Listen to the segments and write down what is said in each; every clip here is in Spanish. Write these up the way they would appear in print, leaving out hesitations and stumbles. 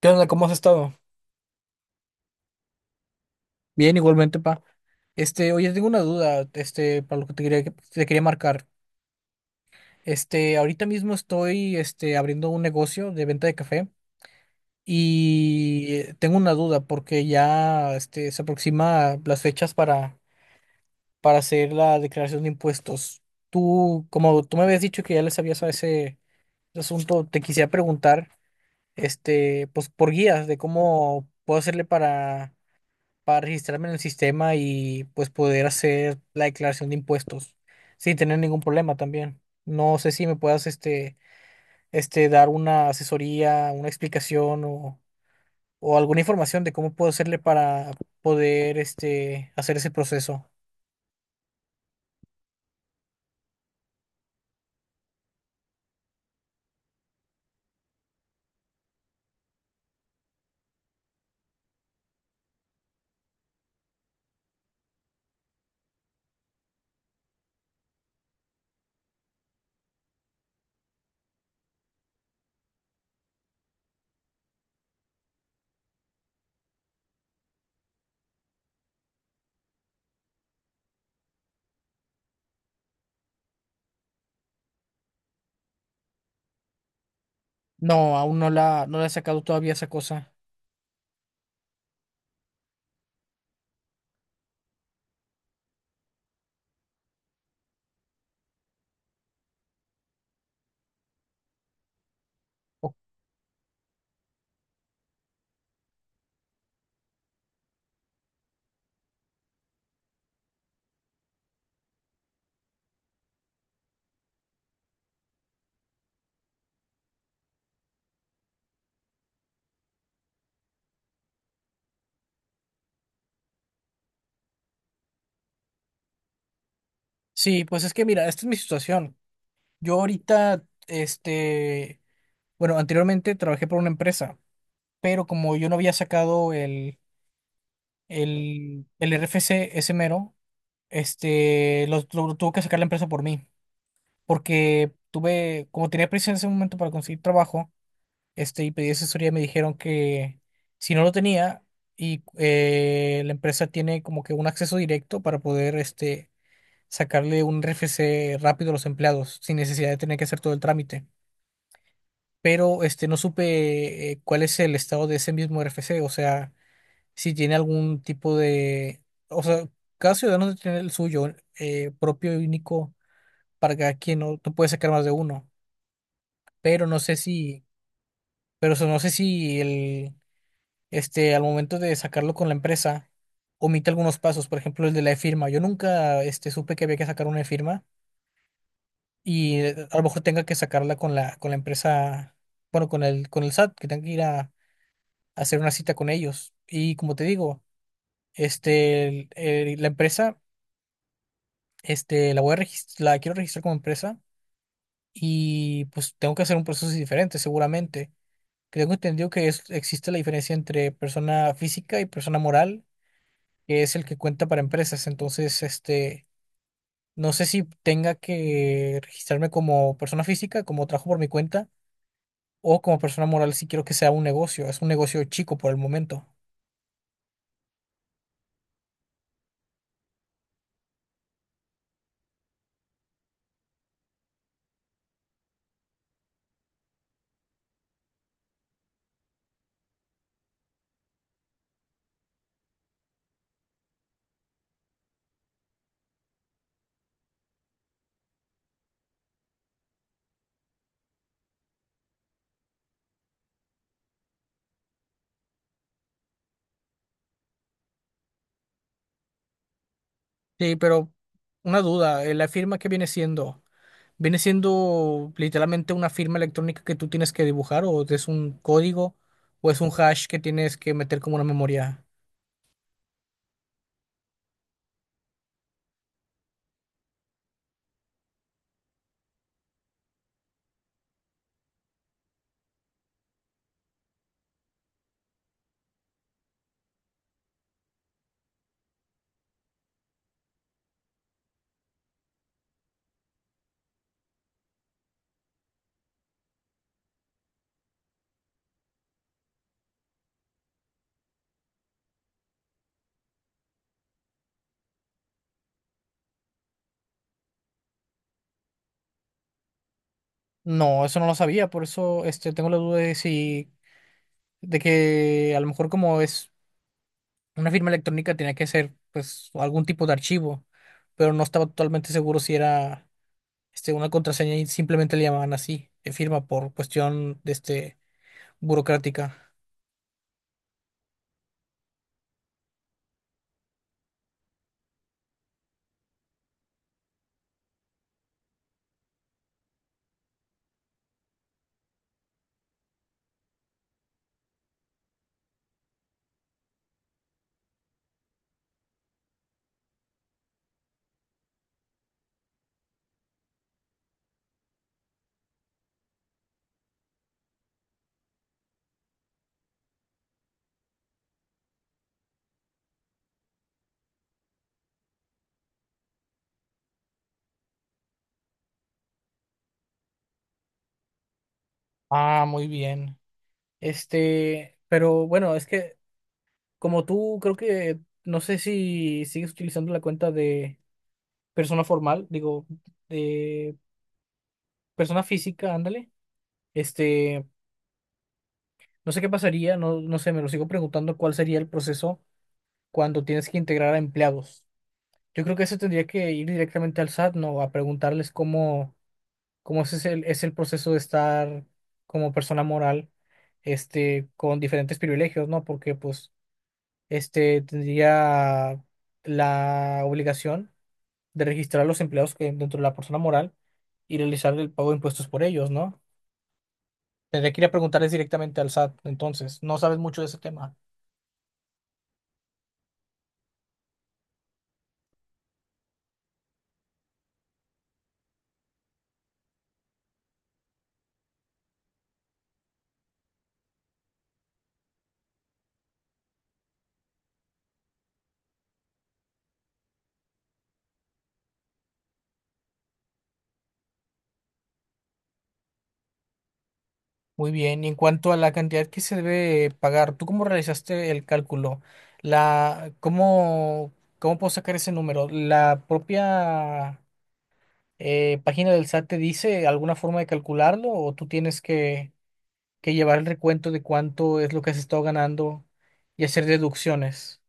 ¿Qué onda? ¿Cómo has estado? Bien, igualmente, pa. Oye, tengo una duda, para lo te quería marcar. Ahorita mismo estoy, abriendo un negocio de venta de café y tengo una duda porque ya, se aproxima las fechas para hacer la declaración de impuestos. Tú, como tú me habías dicho que ya le sabías a ese asunto, te quisiera preguntar, pues por guías de cómo puedo hacerle para registrarme en el sistema y pues poder hacer la declaración de impuestos sin tener ningún problema también. No sé si me puedas dar una asesoría, una explicación o alguna información de cómo puedo hacerle para poder hacer ese proceso. No, aún no la he sacado todavía esa cosa. O- Sí, pues es que mira, esta es mi situación. Yo ahorita, bueno, anteriormente trabajé por una empresa, pero como yo no había sacado el RFC, ese mero, este, lo tuvo que sacar la empresa por mí, porque tuve, como tenía prisa en ese momento para conseguir trabajo, y pedí asesoría, me dijeron que si no lo tenía, y la empresa tiene como que un acceso directo para poder, sacarle un RFC rápido a los empleados, sin necesidad de tener que hacer todo el trámite. Pero, no supe cuál es el estado de ese mismo RFC, o sea si tiene algún tipo de, o sea, cada ciudadano debe tener el suyo propio y único para cada quien, no, no puede sacar más de uno, pero no sé si, pero eso, no sé si el, al momento de sacarlo con la empresa, omite algunos pasos, por ejemplo, el de la firma. Yo nunca, supe que había que sacar una firma y a lo mejor tenga que sacarla con la empresa, bueno, con el SAT, que tenga que ir a hacer una cita con ellos. Y como te digo, la empresa. La voy a la quiero registrar como empresa y pues tengo que hacer un proceso diferente seguramente. Creo que tengo entendido que existe la diferencia entre persona física y persona moral, que es el que cuenta para empresas. Entonces, no sé si tenga que registrarme como persona física, como trabajo por mi cuenta, o como persona moral si quiero que sea un negocio. Es un negocio chico por el momento. Sí, pero una duda, ¿la firma qué viene siendo? ¿Viene siendo literalmente una firma electrónica que tú tienes que dibujar o es un código o es un hash que tienes que meter como una memoria? No, eso no lo sabía, por eso tengo la duda de si, de que a lo mejor como es una firma electrónica tenía que ser pues algún tipo de archivo, pero no estaba totalmente seguro si era una contraseña y simplemente le llamaban así, firma por cuestión de burocrática. Ah, muy bien. Pero bueno, es que como tú, creo que no sé si sigues utilizando la cuenta de persona formal, digo, de persona física, ándale. Este, no sé qué pasaría, no, no sé, me lo sigo preguntando cuál sería el proceso cuando tienes que integrar a empleados. Yo creo que eso tendría que ir directamente al SAT, ¿no? A preguntarles cómo, cómo es es el proceso de estar como persona moral, con diferentes privilegios, ¿no? Porque, pues, tendría la obligación de registrar los empleados que dentro de la persona moral y realizar el pago de impuestos por ellos, ¿no? Tendría que ir a preguntarles directamente al SAT, entonces, no sabes mucho de ese tema. Muy bien, y en cuanto a la cantidad que se debe pagar, ¿tú cómo realizaste el cálculo? La, ¿cómo, cómo puedo sacar ese número? ¿La propia página del SAT te dice alguna forma de calcularlo o tú tienes que llevar el recuento de cuánto es lo que has estado ganando y hacer deducciones?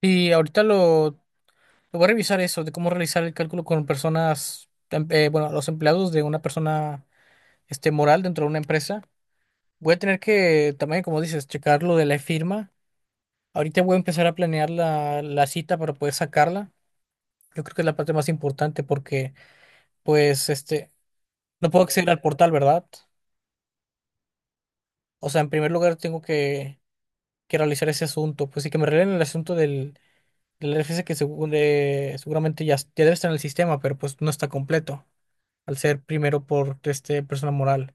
Y ahorita lo voy a revisar eso de cómo realizar el cálculo con personas, bueno, los empleados de una persona moral dentro de una empresa. Voy a tener que también, como dices, checar lo de la firma. Ahorita voy a empezar a planear la, la cita para poder sacarla. Yo creo que es la parte más importante porque, pues, no puedo acceder al portal, ¿verdad? O sea, en primer lugar tengo que realizar ese asunto. Pues sí que me revelen el asunto del RFC que según, seguramente ya, ya debe estar en el sistema, pero pues no está completo, al ser primero por persona moral.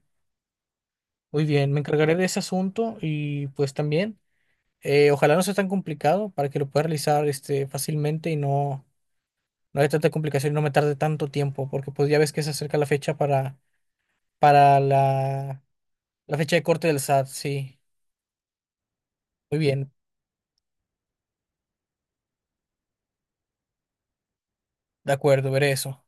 Muy bien, me encargaré de ese asunto y pues también, ojalá no sea tan complicado para que lo pueda realizar fácilmente y no, no haya tanta complicación y no me tarde tanto tiempo, porque pues ya ves que se acerca la fecha para la, la fecha de corte del SAT, sí. Muy bien, de acuerdo, veré eso.